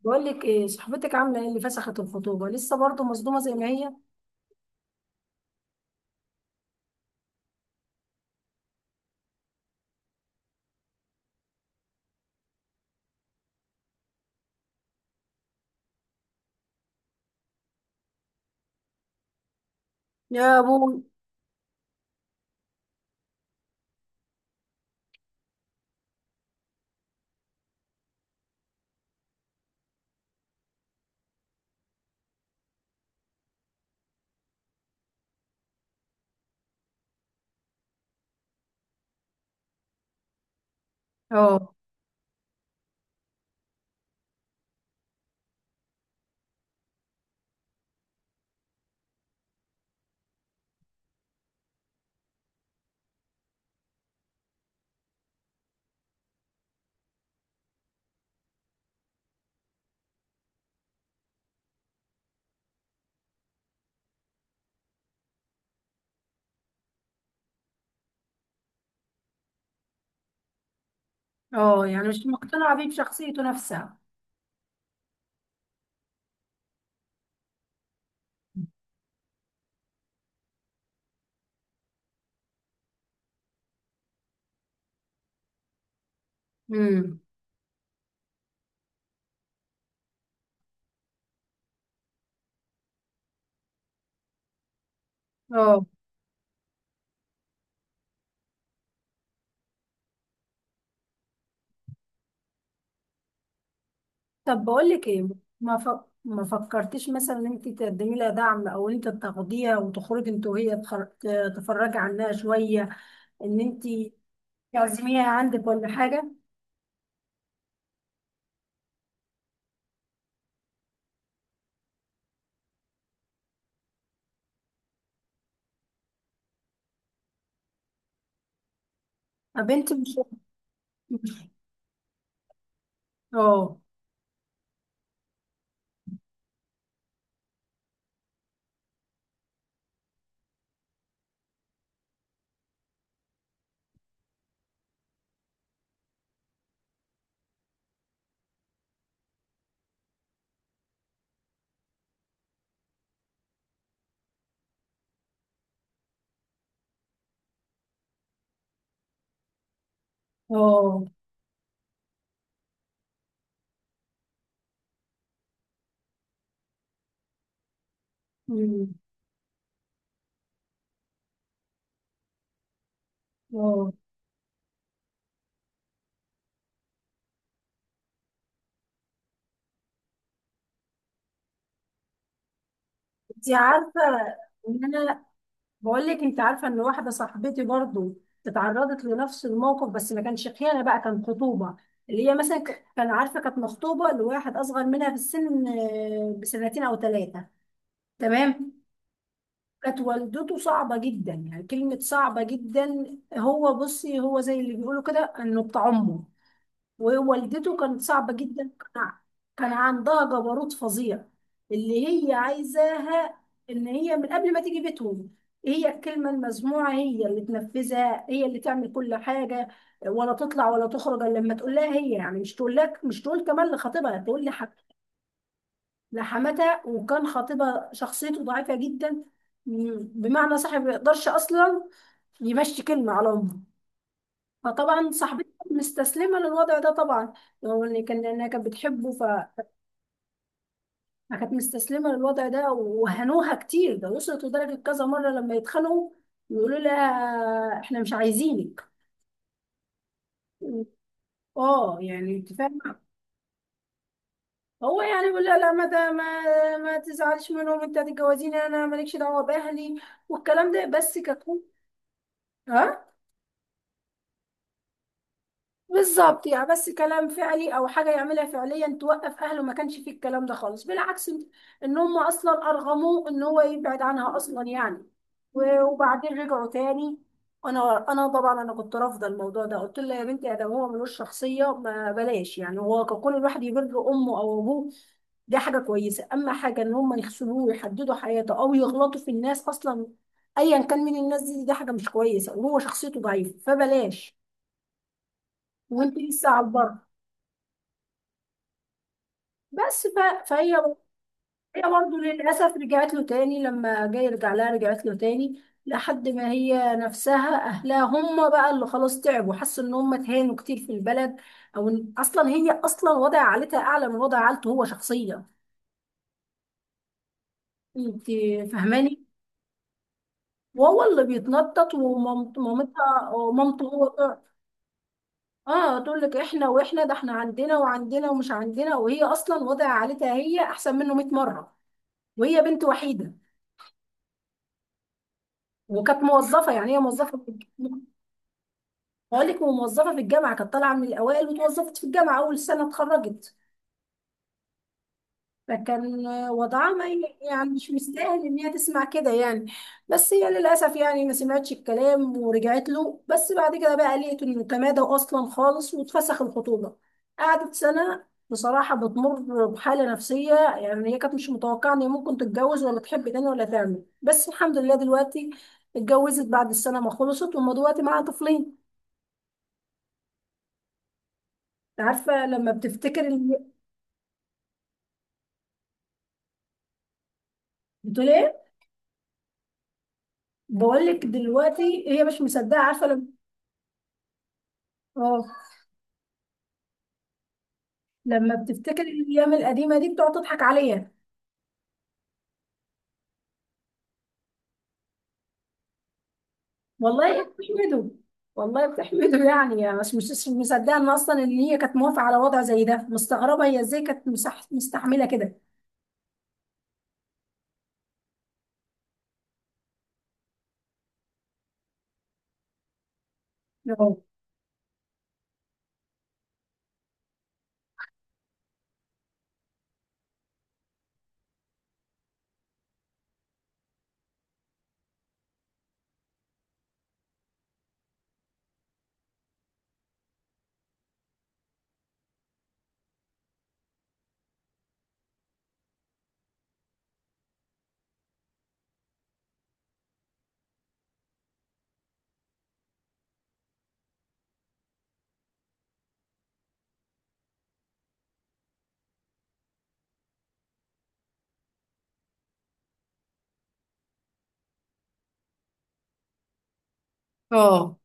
بقول لك ايه؟ صاحبتك عامله ايه؟ اللي فسخت الخطوبه لسه برضه مصدومه زي ما هي. يا ابوي. اه. اه يعني مش مقتنعه بيه، بشخصيته نفسها. امم. اه. طب بقول لك ايه، ما ف... ما فكرتيش مثلا ان انت تقدمي لها دعم، او انت تاخديها وتخرجي انت وهي، تفرجي عنها شويه، ان انت تعزميها عندك ولا حاجه؟ ما بنتي مش مش- اه. اه. أمم، اه. انت عارفه ان انا بقول لك، انت عارفه ان واحده صاحبتي برضو اتعرضت لنفس الموقف، بس ما كانش خيانه بقى، كان خطوبه. اللي هي مثلا كان عارفه، كانت مخطوبه لواحد اصغر منها في السن آه، بسنتين او ثلاثه. تمام. كانت والدته صعبه جدا، يعني كلمه صعبه جدا، هو بصي هو زي اللي بيقولوا كده انه بتاع امه. ووالدته كانت صعبة جدا، كان عندها جبروت فظيع. اللي هي عايزاها ان هي من قبل ما تيجي بيتهم، هي الكلمة المسموعة، هي اللي تنفذها، هي اللي تعمل كل حاجة، ولا تطلع ولا تخرج الا لما تقول لها هي، يعني مش تقول لك، مش تقول كمان لخطيبها، تقول لحماتها. وكان خطيبها شخصيته ضعيفة جدا، بمعنى صاحب ما يقدرش اصلا يمشي كلمة على امه. فطبعا صاحبتي كانت مستسلمة للوضع ده طبعا، لو ان كان لانها كانت بتحبه، فكانت مستسلمة للوضع ده. وهنوها كتير، ده وصلت لدرجة كذا مرة لما يتخانقوا يقولوا لها احنا مش عايزينك. اه يعني انت فاهمة. هو يعني بيقول لها لا ما ده ما ما تزعلش منهم، انت هتتجوزيني انا، مالكش دعوة باهلي، والكلام ده بس ككو. اه. بالظبط، يعني بس كلام فعلي، او حاجه يعملها فعليا توقف اهله، ما كانش فيه الكلام ده خالص، بالعكس، ان هم اصلا ارغموه ان هو يبعد عنها اصلا، يعني وبعدين رجعوا تاني. انا انا طبعا انا كنت رافضه الموضوع ده، قلت لها يا بنتي، ادم هو ملوش شخصيه، ما بلاش يعني، هو كل الواحد يبر امه او ابوه، دي حاجه كويسه، اما حاجه ان هم يخسروه ويحددوا حياته، او يغلطوا في الناس اصلا ايا كان من الناس دي، دي حاجه مش كويسه، وهو شخصيته ضعيفه، فبلاش، وانت لسه على البر. فهي، هي برضه للأسف رجعت له تاني، لما جاي يرجع لها رجعت له تاني، لحد ما هي نفسها أهلها هم بقى اللي خلاص تعبوا، حسوا إن هم اتهانوا كتير في البلد، أو إن أصلا هي أصلا وضع عائلتها أعلى من وضع عائلته هو شخصيا. أنت فاهماني؟ وهو اللي بيتنطط، ومامتها ومامته هو اه تقول لك احنا، واحنا ده احنا عندنا وعندنا، ومش عندنا، وهي اصلا وضع عائلتها هي احسن منه 100 مره، وهي بنت وحيده، وكانت موظفه، يعني هي موظفه في بقول لك موظفه في الجامعه، كانت طالعه من الاوائل، وتوظفت في الجامعه اول سنه اتخرجت. فكان وضعها ما ي- يعني مش مستاهل ان هي تسمع كده يعني. بس هي للاسف يعني ما سمعتش الكلام ورجعت له، بس بعد كده بقى لقيت انه تمادى اصلا خالص، واتفسخ الخطوبه. قعدت سنه بصراحه بتمر بحاله نفسيه، يعني هي كانت مش متوقعه ان هي ممكن تتجوز، ولا تحب تاني، ولا تعمل، بس الحمد لله دلوقتي اتجوزت بعد السنه ما خلصت، وما دلوقتي معاها طفلين. عارفه لما بتفتكر بتقول ايه؟ بقول لك دلوقتي هي مش مصدقه، عارفه؟ لما، اه، لما بتفتكر الايام القديمه دي بتقعد تضحك عليا. والله بتحمده، والله بتحمده يعني، يعني مش مصدقه ان اصلا ان هي كانت موافقه على وضع زي ده. مستغربه هي ازاي كانت مستحمله كده. اه. اه.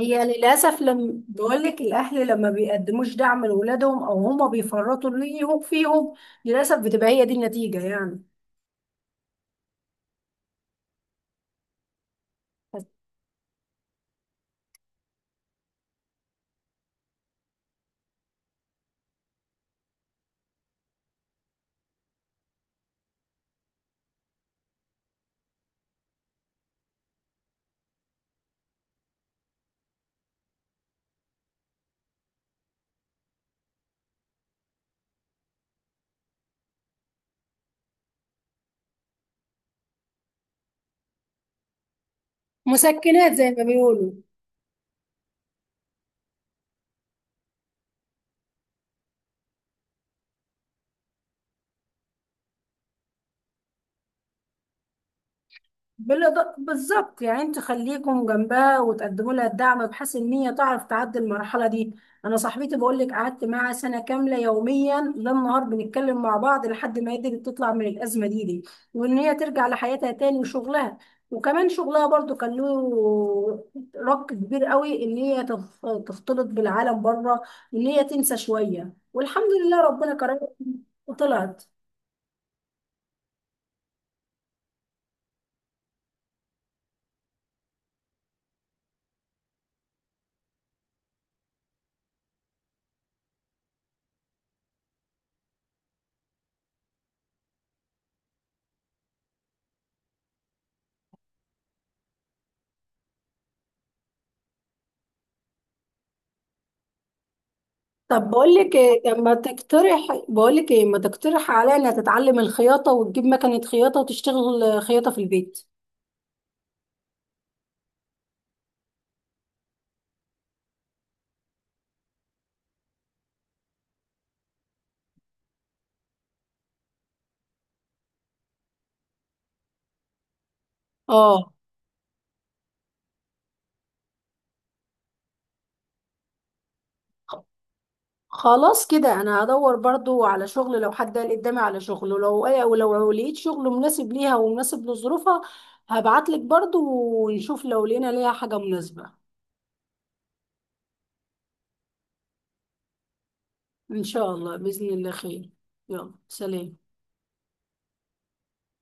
هي للأسف، لما بقول لك الأهل لما بيقدموش دعم لأولادهم، أو هما بيفرطوا ليهم فيهم، للأسف بتبقى هي دي النتيجة يعني. مسكنات زي ما بيقولوا. بالظبط، يعني انتوا خليكم جنبها، وتقدموا لها الدعم، بحيث ان هي تعرف تعدي المرحله دي. انا صاحبتي بقول لك قعدت معاها سنه كامله، يوميا ليل نهار بنتكلم مع بعض، لحد ما قدرت تطلع من الازمه دي، وان هي ترجع لحياتها تاني وشغلها. وكمان شغلها برضو كان له رق كبير قوي، ان هي تختلط بالعالم بره، ان هي تنسى شويه. والحمد لله ربنا كرمها وطلعت. طب بقول لك ايه، طب ما تقترح، بقول لك ايه، ما تقترح عليا انها تتعلم الخياطه، وتجيب مكنه خياطه، وتشتغل آه، خياطه في البيت. اه خلاص كده، انا هدور برضو على شغل، لو حد قال قدامي على شغل، ولو ولو لقيت شغل مناسب ليها ومناسب لظروفها هبعت لك برضو، ونشوف لو لقينا ليها حاجه مناسبه. ان شاء الله، باذن الله خير. يلا سلام.